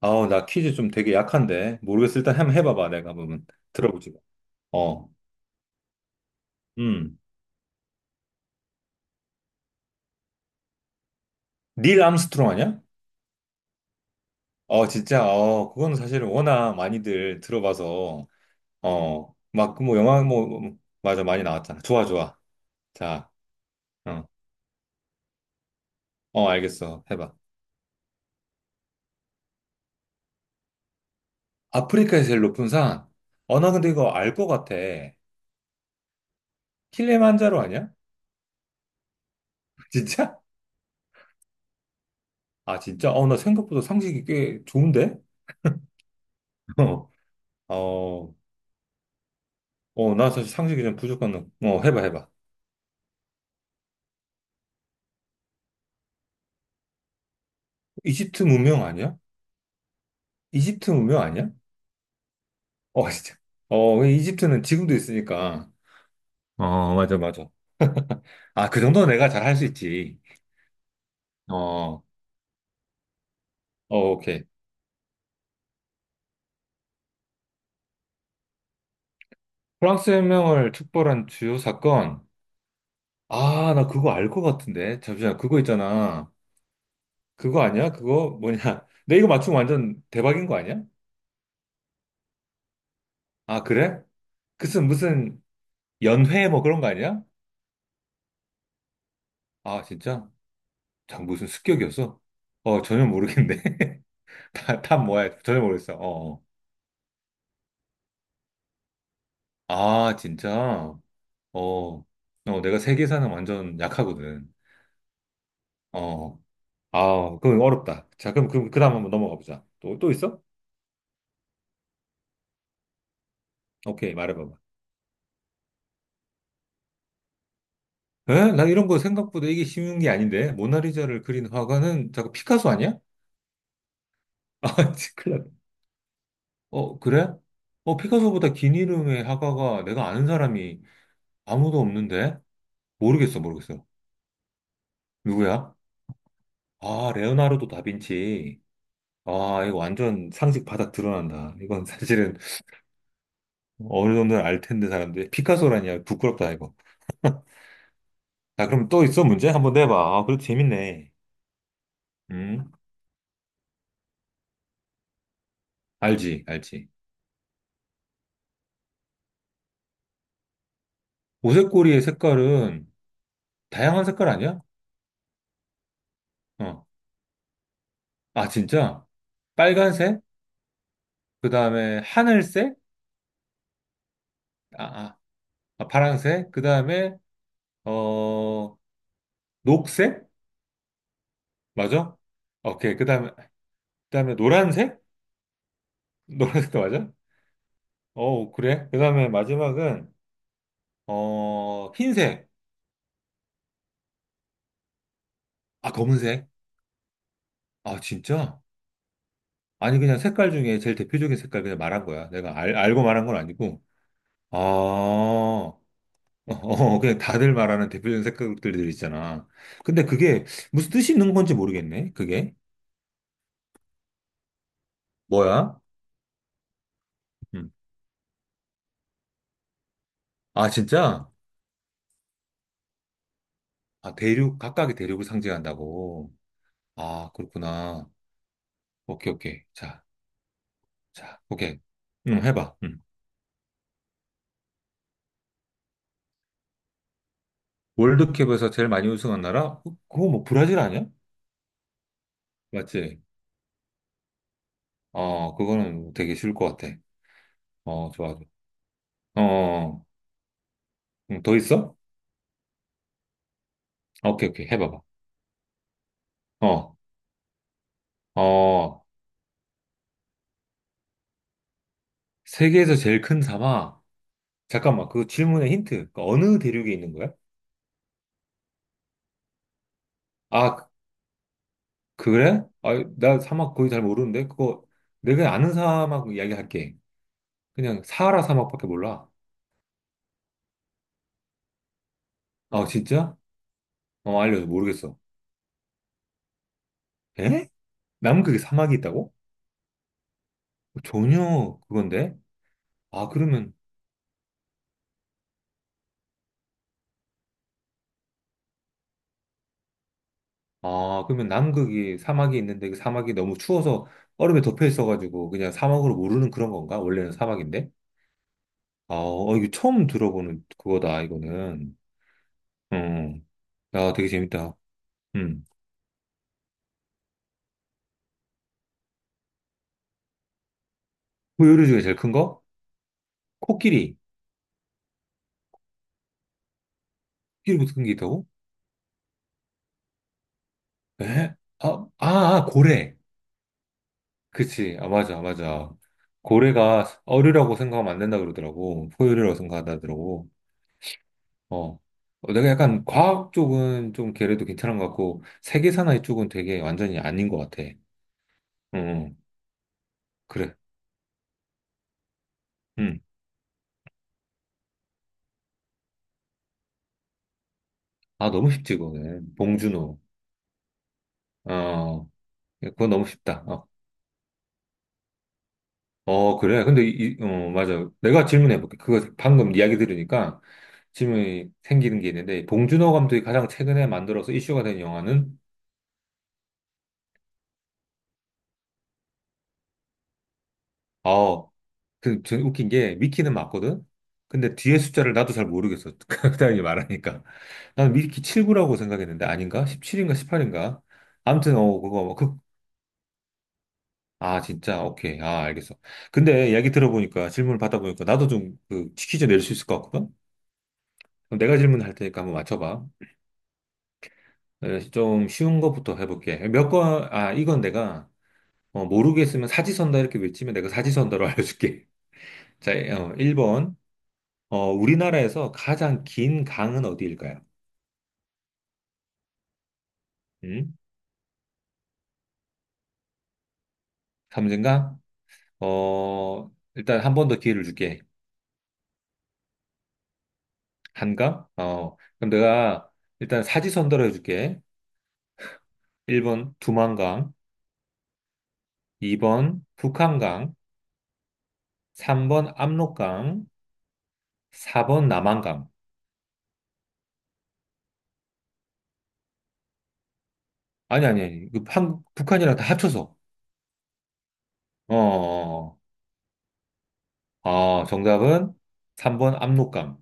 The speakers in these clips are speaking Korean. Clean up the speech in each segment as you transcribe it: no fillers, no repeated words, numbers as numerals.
아우, 나 퀴즈 좀 되게 약한데. 모르겠어. 일단 한번 해봐봐. 내가 한번 들어보지. 어. 음. 닐 암스트롱 아니야? 어, 진짜. 어, 그거는 사실은 워낙 많이들 들어봐서. 어, 막, 그 뭐, 영화, 뭐, 뭐, 맞아. 많이 나왔잖아. 좋아, 좋아. 자, 어, 어, 알겠어. 해봐. 아프리카에서 제일 높은 산. 어, 나 근데 이거 알 것 같아. 킬리만자로 아니야? 진짜? 아, 진짜? 어, 나 생각보다 상식이 꽤 좋은데? 어, 어, 나 사실 상식이 좀 부족한, 어, 해봐, 해봐. 이집트 문명 아니야? 이집트 문명 아니야? 어, 진짜. 어, 그 이집트는 지금도 있으니까. 어, 맞아, 맞아. 아, 그 정도는 내가 잘 할 수 있지. 어, 어, 오케이. 프랑스 혁명을 촉발한 주요 사건. 아, 나 그거 알 것 같은데. 잠시만, 그거 있잖아. 그거 아니야? 그거 뭐냐? 내 이거 맞추면 완전 대박인 거 아니야? 아, 그래? 그슨 무슨 연회 뭐 그런 거 아니야? 아, 진짜? 자, 무슨 습격이었어? 어, 전혀 모르겠네. 다, 다 뭐야? 전혀 모르겠어. 어. 어. 아, 진짜? 어, 어, 내가 세계사는 완전 약하거든. 어, 아, 그건 어렵다. 자, 그럼, 그럼, 그 다음 한번 넘어가 보자. 또, 또 있어? 오케이, 말해봐봐. 에? 나 이런 거 생각보다 이게 쉬운 게 아닌데? 모나리자를 그린 화가는, 잠깐, 피카소 아니야? 아, 진짜 큰일 났 어, 그래? 어, 피카소보다 긴 이름의 화가가 내가 아는 사람이 아무도 없는데? 모르겠어, 모르겠어. 누구야? 아, 레오나르도 다빈치. 아, 이거 완전 상식 바닥 드러난다. 이건 사실은 어느 정도는 알 텐데 사람들이 피카소라니야 부끄럽다 이거. 야, 그럼 또 있어, 문제? 한번 내봐. 아, 그래도 재밌네. 음. 알지, 알지. 오색고리의 색깔은 다양한 색깔 아니야? 어. 아, 진짜? 빨간색? 그 다음에 하늘색? 아, 아, 아, 파란색? 그 다음에 어, 녹색? 맞아? 오케이. 그 다음에 노란색? 노란색도 맞아? 어, 그래. 그 다음에 마지막은 어, 흰색. 아, 검은색. 아, 진짜? 아니, 그냥 색깔 중에 제일 대표적인 색깔 그냥 말한 거야. 내가 알고 말한 건 아니고, 아, 어, 어, 그냥 다들 말하는 대표적인 색깔들 있잖아. 근데 그게 무슨 뜻이 있는 건지 모르겠네, 그게. 뭐야? 음. 아, 진짜? 아, 대륙, 각각의 대륙을 상징한다고. 아, 그렇구나. 오케이, 오케이. 자, 자, 오케이. 응, 해봐. 응. 월드컵에서 제일 많이 우승한 나라? 그거 뭐 브라질 아니야? 맞지? 어, 그거는 되게 쉬울 것 같아. 어, 좋아. 좋아. 어. 어. 응, 더 있어? 아, 오케이, 오케이. 해봐봐. 어, 어, 세계에서 제일 큰 사막. 잠깐만, 그 질문의 힌트. 그 어느 대륙에 있는 거야? 아, 그 그래? 아, 나 사막 거의 잘 모르는데? 그거, 내가 아는 사막 이야기할게. 그냥 사하라 사막밖에 몰라. 아, 진짜? 어, 알려줘. 모르겠어. 에? 남극에 사막이 있다고? 전혀 그건데? 아, 그러면, 아, 그러면 남극이 사막이 있는데 그 사막이 너무 추워서 얼음에 덮여 있어가지고 그냥 사막으로 모르는 그런 건가? 원래는 사막인데? 아, 어, 이거 처음 들어보는 그거다, 이거는. 어, 야, 되게 재밌다. 음. 포유류 중에 제일 큰 거? 코끼리. 코끼리보다 큰 게 있다고? 에? 아, 아, 아, 고래. 그치. 아, 맞아, 맞아. 고래가 어류라고 생각하면 안 된다 그러더라고. 포유류라고 생각하더라고. 어. 어, 내가 약간 과학 쪽은 좀 걔네도 괜찮은 것 같고, 세계 사나이 쪽은 되게 완전히 아닌 것 같아. 응, 응. 그래. 음. 아, 너무 쉽지, 그거는. 봉준호. 어, 그건 너무 쉽다. 어. 어, 그래. 근데 어, 맞아. 내가 질문해 볼게. 그거 방금 이야기 들으니까 질문이 생기는 게 있는데, 봉준호 감독이 가장 최근에 만들어서 이슈가 된 영화는, 어, 그, 전 웃긴 게, 위키는 맞거든? 근데 뒤에 숫자를 나도 잘 모르겠어. 그 사람이 말하니까. 난 위키 79라고 생각했는데, 아닌가? 17인가 18인가? 아무튼, 어, 그거, 뭐, 그, 아, 진짜, 오케이. 아, 알겠어. 근데 이야기 들어보니까, 질문을 받아보니까, 나도 좀, 그, 퀴즈 낼 수 있을 것 같거든? 그럼 내가 질문할 테니까 한번 맞춰봐. 그래서 좀 쉬운 것부터 해볼게. 몇 거, 아, 이건 내가 어, 모르겠으면 사지선다 이렇게 외치면 내가 사지선다로 알려줄게. 자, 어, 1번. 어, 우리나라에서 가장 긴 강은 어디일까요? 음? 삼진강? 어, 일단 한 번 더 기회를 줄게. 한강? 어, 그럼 내가 일단 사지선다로 해줄게. 1번 두만강, 2번 북한강, 3번 압록강, 4번 남한강. 아니, 아니, 아니. 그 한, 북한이랑 다 합쳐서. 어, 어, 어. 아, 정답은 3번 압록강.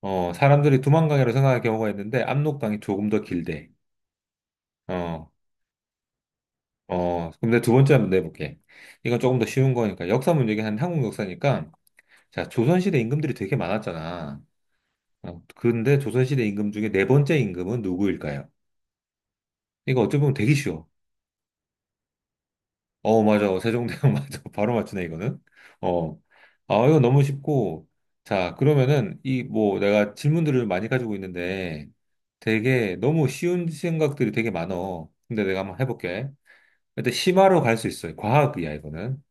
어, 사람들이 두만강이라고 생각할 경우가 있는데 압록강이 조금 더 길대. 어, 어, 근데 두 번째 한번 내볼게. 이건 조금 더 쉬운 거니까 역사 문제긴 한 한국 역사니까 자, 조선시대 임금들이 되게 많았잖아. 어, 근데 조선시대 임금 중에 네 번째 임금은 누구일까요? 이거 어찌 보면 되게 쉬워. 어, 맞아. 어, 세종대왕 맞아. 바로 맞추네, 이거는. 어. 아, 이거 너무 쉽고. 자, 그러면은, 이, 뭐, 내가 질문들을 많이 가지고 있는데, 되게 너무 쉬운 생각들이 되게 많어. 근데 내가 한번 해볼게. 일단, 심화로 갈 수 있어. 과학이야, 이거는.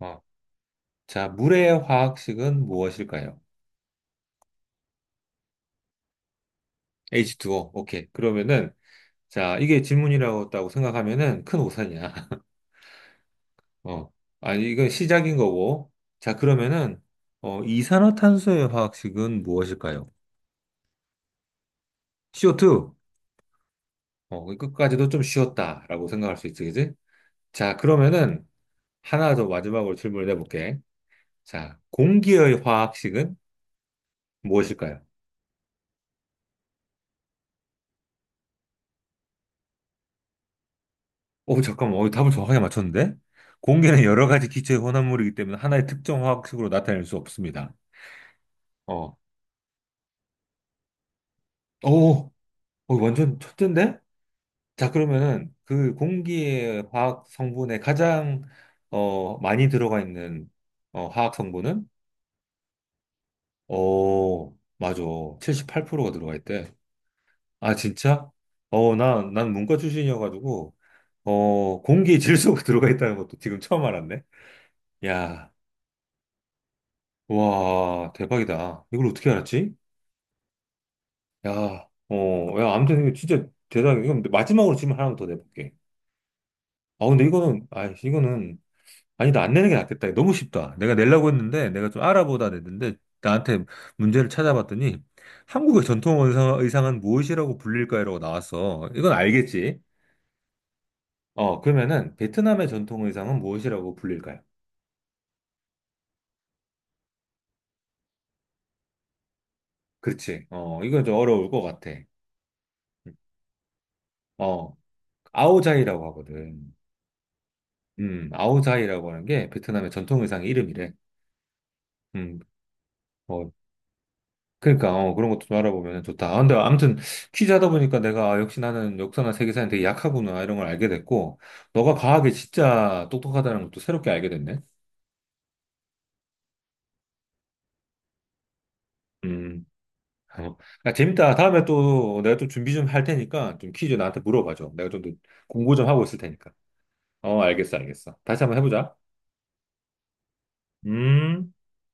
어. 자, 물의 화학식은 무엇일까요? H2O. 오케이. 그러면은, 자, 이게 질문이라고 했다고 생각하면은 큰 오산이야. 어. 아니, 이건 시작인 거고. 자, 그러면은, 어, 이산화탄소의 화학식은 무엇일까요? CO2. 어, 그 끝까지도 좀 쉬웠다라고 생각할 수 있지, 그지? 자, 그러면은, 하나 더 마지막으로 질문을 해볼게. 자, 공기의 화학식은 무엇일까요? 어, 잠깐만, 어, 답을 정확하게 맞췄는데? 공기는 여러 가지 기체의 혼합물이기 때문에 하나의 특정 화학식으로 나타낼 수 없습니다. 어, 오, 어, 완전 첫째인데? 자, 그러면은 그 공기의 화학 성분에 가장 어, 많이 들어가 있는 어, 화학 성분은? 어, 맞아. 78%가 들어가 있대. 아, 진짜? 어, 나, 난 문과 출신이어가지고, 어, 공기 질소가 들어가 있다는 것도 지금 처음 알았네. 야, 와, 대박이다. 이걸 어떻게 알았지? 야, 어, 야, 아무튼 이거 진짜 대단해. 이건 마지막으로 질문 하나 더 내볼게. 아, 근데 이거는, 아, 이거는 아니, 나 안 내는 게 낫겠다. 너무 쉽다. 내가 내려고 했는데, 내가 좀 알아보다 냈는데, 나한테 문제를 찾아봤더니, 한국의 전통 의상은 무엇이라고 불릴까요?라고 나왔어. 이건 알겠지? 어, 그러면은, 베트남의 전통 의상은 무엇이라고 불릴까요? 그렇지. 어, 이건 좀 어려울 것 같아. 어, 아오자이라고 하거든. 아오자이라고 하는 게 베트남의 전통 의상 이름이래. 음, 어, 그러니까 어, 그런 것도 좀 알아보면 좋다. 아, 근데 아무튼 퀴즈 하다 보니까 내가 아, 역시 나는 역사나 세계사는 되게 약하구나 이런 걸 알게 됐고 너가 과학에 진짜 똑똑하다는 것도 새롭게 알게 됐네. 음, 어. 야, 재밌다. 다음에 또 내가 또 준비 좀 할 테니까 좀 퀴즈 나한테 물어봐줘. 내가 좀 더 공부 좀 하고 있을 테니까. 어, 알겠어, 알겠어. 다시 한번 해보자. 음.